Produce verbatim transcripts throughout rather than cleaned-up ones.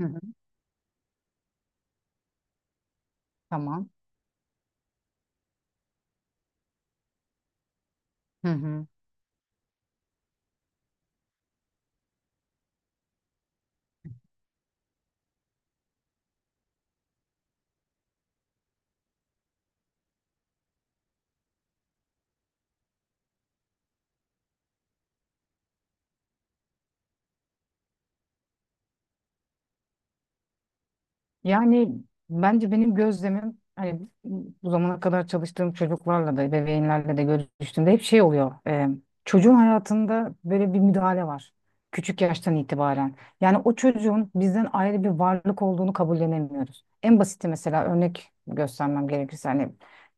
Hı hı, tamam. Hı hı. Yani bence benim gözlemim hani bu zamana kadar çalıştığım çocuklarla da ebeveynlerle de görüştüğümde hep şey oluyor. E, çocuğun hayatında böyle bir müdahale var. Küçük yaştan itibaren. Yani o çocuğun bizden ayrı bir varlık olduğunu kabullenemiyoruz. En basiti mesela örnek göstermem gerekirse hani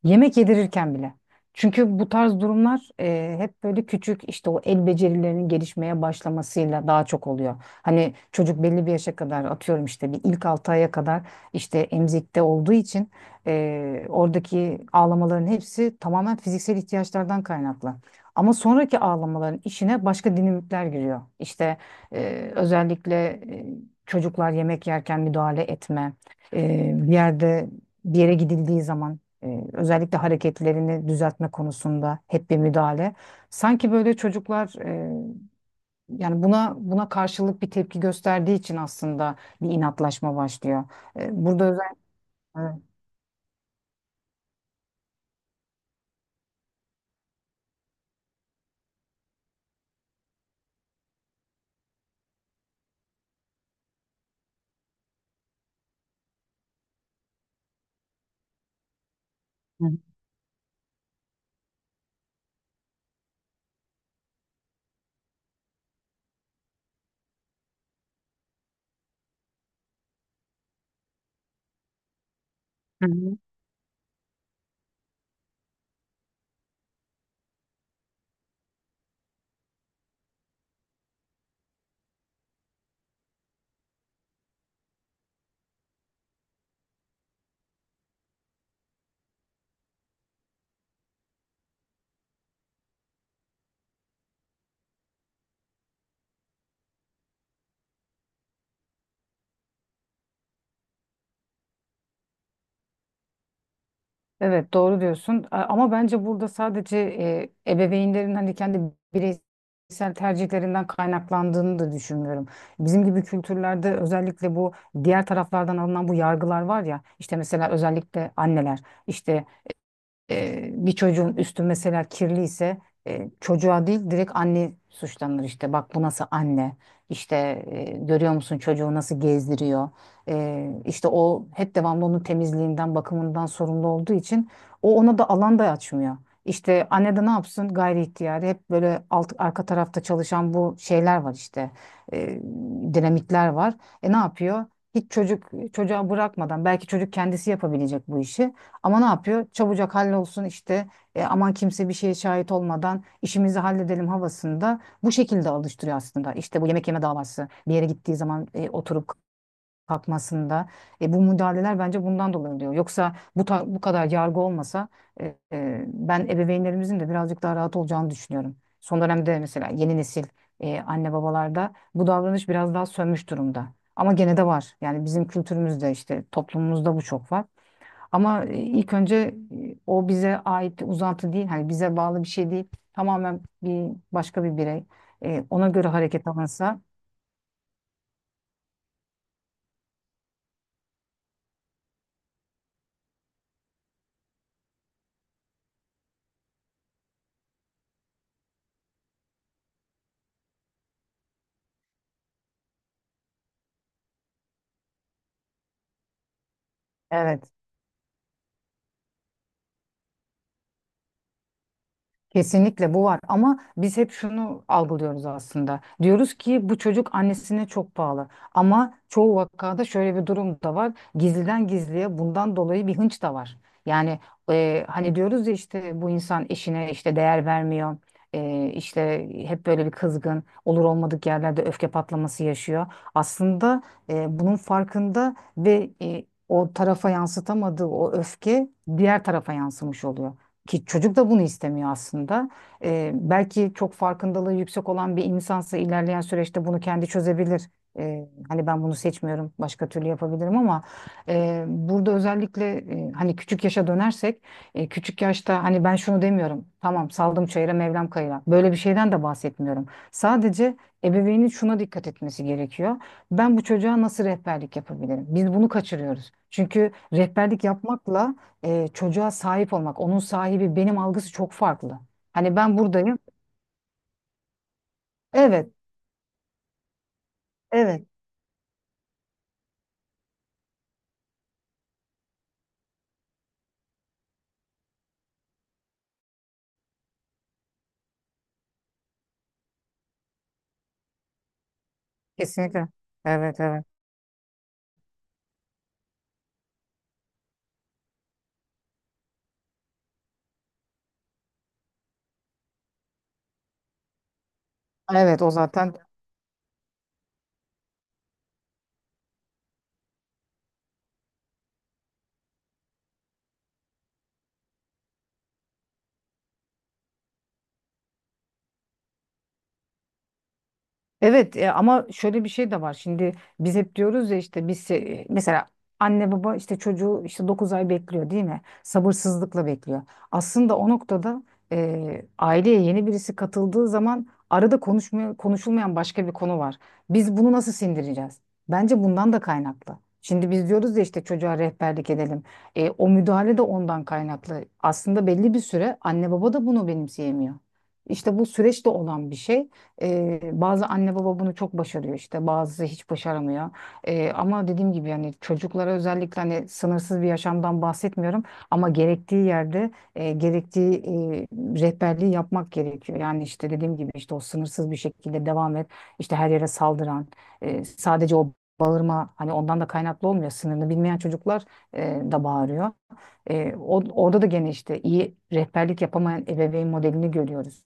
yemek yedirirken bile. Çünkü bu tarz durumlar e, hep böyle küçük işte o el becerilerinin gelişmeye başlamasıyla daha çok oluyor. Hani çocuk belli bir yaşa kadar atıyorum işte bir ilk altı aya kadar işte emzikte olduğu için e, oradaki ağlamaların hepsi tamamen fiziksel ihtiyaçlardan kaynaklı. Ama sonraki ağlamaların işine başka dinamikler giriyor. İşte e, özellikle e, çocuklar yemek yerken müdahale etme, e, bir yerde bir yere gidildiği zaman e, özellikle hareketlerini düzeltme konusunda hep bir müdahale. Sanki böyle çocuklar e, yani buna buna karşılık bir tepki gösterdiği için aslında bir inatlaşma başlıyor. E, burada özellikle. Hı hı. Hı. Evet, doğru diyorsun, A- ama bence burada sadece e, ebeveynlerin hani kendi bireysel tercihlerinden kaynaklandığını da düşünmüyorum. Bizim gibi kültürlerde özellikle bu diğer taraflardan alınan bu yargılar var ya, işte mesela özellikle anneler işte, Ee, bir çocuğun üstü mesela kirliyse e, çocuğa değil direkt anne suçlanır, işte bak bu nasıl anne, işte e, görüyor musun çocuğu nasıl gezdiriyor. Ee, işte o hep devamlı onun temizliğinden bakımından sorumlu olduğu için o ona da alan da açmıyor. İşte anne de ne yapsın, gayri ihtiyari hep böyle alt, arka tarafta çalışan bu şeyler var, işte e, dinamikler var. E ne yapıyor? Hiç çocuk çocuğa bırakmadan, belki çocuk kendisi yapabilecek bu işi. Ama ne yapıyor? Çabucak hallolsun işte, e, aman kimse bir şeye şahit olmadan işimizi halledelim havasında bu şekilde alıştırıyor aslında. İşte bu yemek yeme davası, bir yere gittiği zaman e, oturup kalkmasında, e, bu müdahaleler bence bundan dolayı oluyor. Yoksa bu, ta- bu kadar yargı olmasa e, e, ben ebeveynlerimizin de birazcık daha rahat olacağını düşünüyorum. Son dönemde mesela yeni nesil e, anne babalarda bu davranış biraz daha sönmüş durumda. Ama gene de var. Yani bizim kültürümüzde, işte toplumumuzda bu çok var. Ama e, ilk önce e, o bize ait bir uzantı değil, hani bize bağlı bir şey değil. Tamamen bir başka bir birey. E, ona göre hareket alınsa. Evet. Kesinlikle bu var, ama biz hep şunu algılıyoruz aslında. Diyoruz ki bu çocuk annesine çok bağlı. Ama çoğu vakada şöyle bir durum da var. Gizliden gizliye bundan dolayı bir hınç da var. Yani e, hani diyoruz ya, işte bu insan eşine işte değer vermiyor. E, işte hep böyle bir kızgın, olur olmadık yerlerde öfke patlaması yaşıyor. Aslında e, bunun farkında ve e, o tarafa yansıtamadığı o öfke diğer tarafa yansımış oluyor, ki çocuk da bunu istemiyor aslında. Ee, belki çok farkındalığı yüksek olan bir insansa ilerleyen süreçte bunu kendi çözebilir. Ee, hani ben bunu seçmiyorum, başka türlü yapabilirim, ama e, burada özellikle e, hani küçük yaşa dönersek, e, küçük yaşta, hani ben şunu demiyorum, tamam saldım çayıra Mevlam kayıra. Böyle bir şeyden de bahsetmiyorum. Sadece ebeveynin şuna dikkat etmesi gerekiyor. Ben bu çocuğa nasıl rehberlik yapabilirim? Biz bunu kaçırıyoruz. Çünkü rehberlik yapmakla e, çocuğa sahip olmak, onun sahibi benim algısı çok farklı. Hani ben buradayım. Evet, evet. Kesinlikle. Evet, evet. Evet, o zaten. Evet, e, ama şöyle bir şey de var. Şimdi biz hep diyoruz ya, işte biz e, mesela anne baba işte çocuğu işte dokuz ay bekliyor, değil mi? Sabırsızlıkla bekliyor. Aslında o noktada e, aileye yeni birisi katıldığı zaman arada konuşmaya, konuşulmayan başka bir konu var. Biz bunu nasıl sindireceğiz? Bence bundan da kaynaklı. Şimdi biz diyoruz ya, işte çocuğa rehberlik edelim. E, o müdahale de ondan kaynaklı. Aslında belli bir süre anne baba da bunu benimseyemiyor. İşte bu süreçte olan bir şey. Ee, bazı anne baba bunu çok başarıyor işte, bazısı hiç başaramıyor. Ee, ama dediğim gibi yani çocuklara özellikle hani sınırsız bir yaşamdan bahsetmiyorum, ama gerektiği yerde e, gerektiği e, rehberliği yapmak gerekiyor. Yani işte dediğim gibi, işte o sınırsız bir şekilde devam et, işte her yere saldıran, e, sadece o bağırma hani ondan da kaynaklı olmuyor. Sınırını bilmeyen çocuklar e, da bağırıyor. E, o- orada da gene işte iyi rehberlik yapamayan ebeveyn modelini görüyoruz.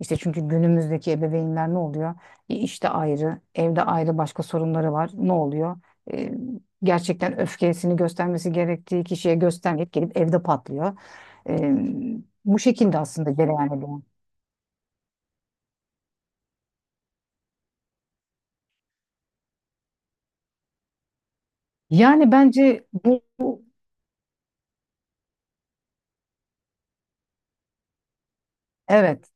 İşte çünkü günümüzdeki ebeveynler ne oluyor? E, İşte ayrı, evde ayrı başka sorunları var. Ne oluyor? E, Gerçekten öfkesini göstermesi gerektiği kişiye göstermeyip gelip evde patlıyor. E, Bu şekilde aslında cereyan ediyor. Yani bence bu bu- evet,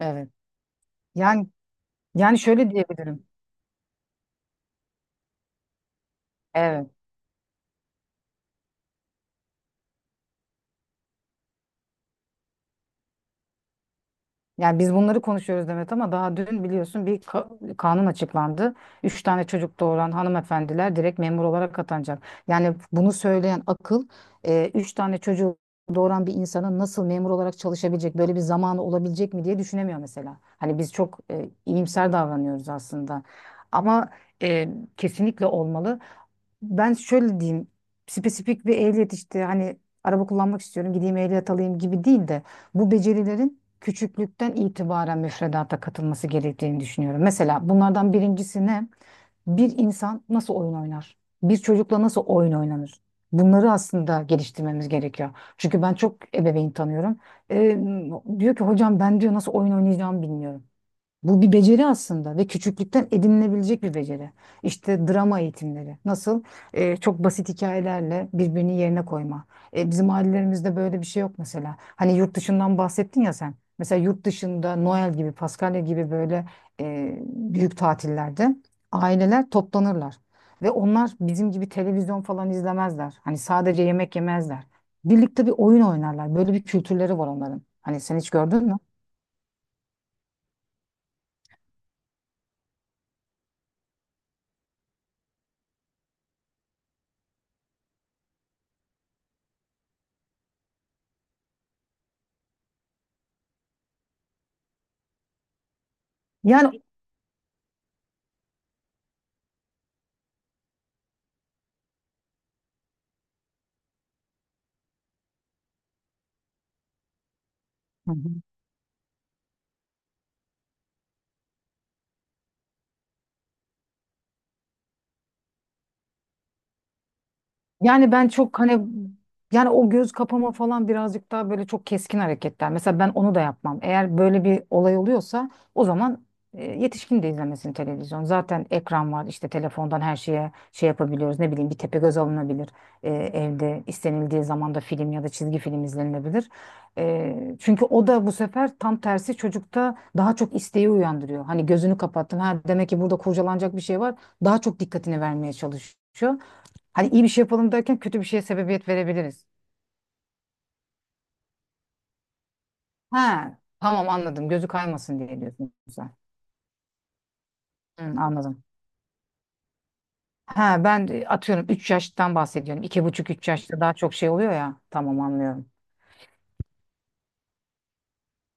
evet. Yani yani şöyle diyebilirim. Evet. Yani biz bunları konuşuyoruz Demet, ama daha dün biliyorsun bir ka- kanun açıklandı. Üç tane çocuk doğuran hanımefendiler direkt memur olarak atanacak. Yani bunu söyleyen akıl e, üç tane çocuğu doğuran bir insanın nasıl memur olarak çalışabilecek, böyle bir zamanı olabilecek mi diye düşünemiyor mesela. Hani biz çok e, iyimser davranıyoruz aslında. Ama e, kesinlikle olmalı, ben şöyle diyeyim: spesifik bir ehliyet, işte hani araba kullanmak istiyorum gideyim ehliyet alayım gibi değil de, bu becerilerin küçüklükten itibaren müfredata katılması gerektiğini düşünüyorum. Mesela bunlardan birincisi ne? Bir insan nasıl oyun oynar? Bir çocukla nasıl oyun oynanır? Bunları aslında geliştirmemiz gerekiyor. Çünkü ben çok ebeveyn tanıyorum. Ee, Diyor ki hocam, ben diyor nasıl oyun oynayacağımı bilmiyorum. Bu bir beceri aslında, ve küçüklükten edinilebilecek bir beceri. İşte drama eğitimleri. Nasıl? Ee, çok basit hikayelerle birbirini yerine koyma. Ee, bizim ailelerimizde böyle bir şey yok mesela. Hani yurt dışından bahsettin ya sen. Mesela yurt dışında Noel gibi, Paskalya gibi böyle e, büyük tatillerde aileler toplanırlar. Ve onlar bizim gibi televizyon falan izlemezler. Hani sadece yemek yemezler. Birlikte bir oyun oynarlar. Böyle bir kültürleri var onların. Hani sen hiç gördün mü? Yani... Hı hı. Yani ben çok hani, yani o göz kapama falan birazcık daha böyle çok keskin hareketler. Mesela ben onu da yapmam. Eğer böyle bir olay oluyorsa, o zaman e, yetişkin de izlemesin televizyon. Zaten ekran var işte, telefondan her şeye şey yapabiliyoruz. Ne bileyim, bir tepegöz alınabilir. E, evde istenildiği zaman da film ya da çizgi film izlenilebilir. E, çünkü o da bu sefer tam tersi çocukta daha çok isteği uyandırıyor. Hani gözünü kapattın, ha demek ki burada kurcalanacak bir şey var. Daha çok dikkatini vermeye çalışıyor. Hani iyi bir şey yapalım derken kötü bir şeye sebebiyet verebiliriz. Ha, tamam anladım. Gözü kaymasın diye diyorsun sen. Hı, anladım. Ha, ben de atıyorum üç yaştan bahsediyorum. Buçuk üç yaşta daha çok şey oluyor ya. Tamam, anlıyorum.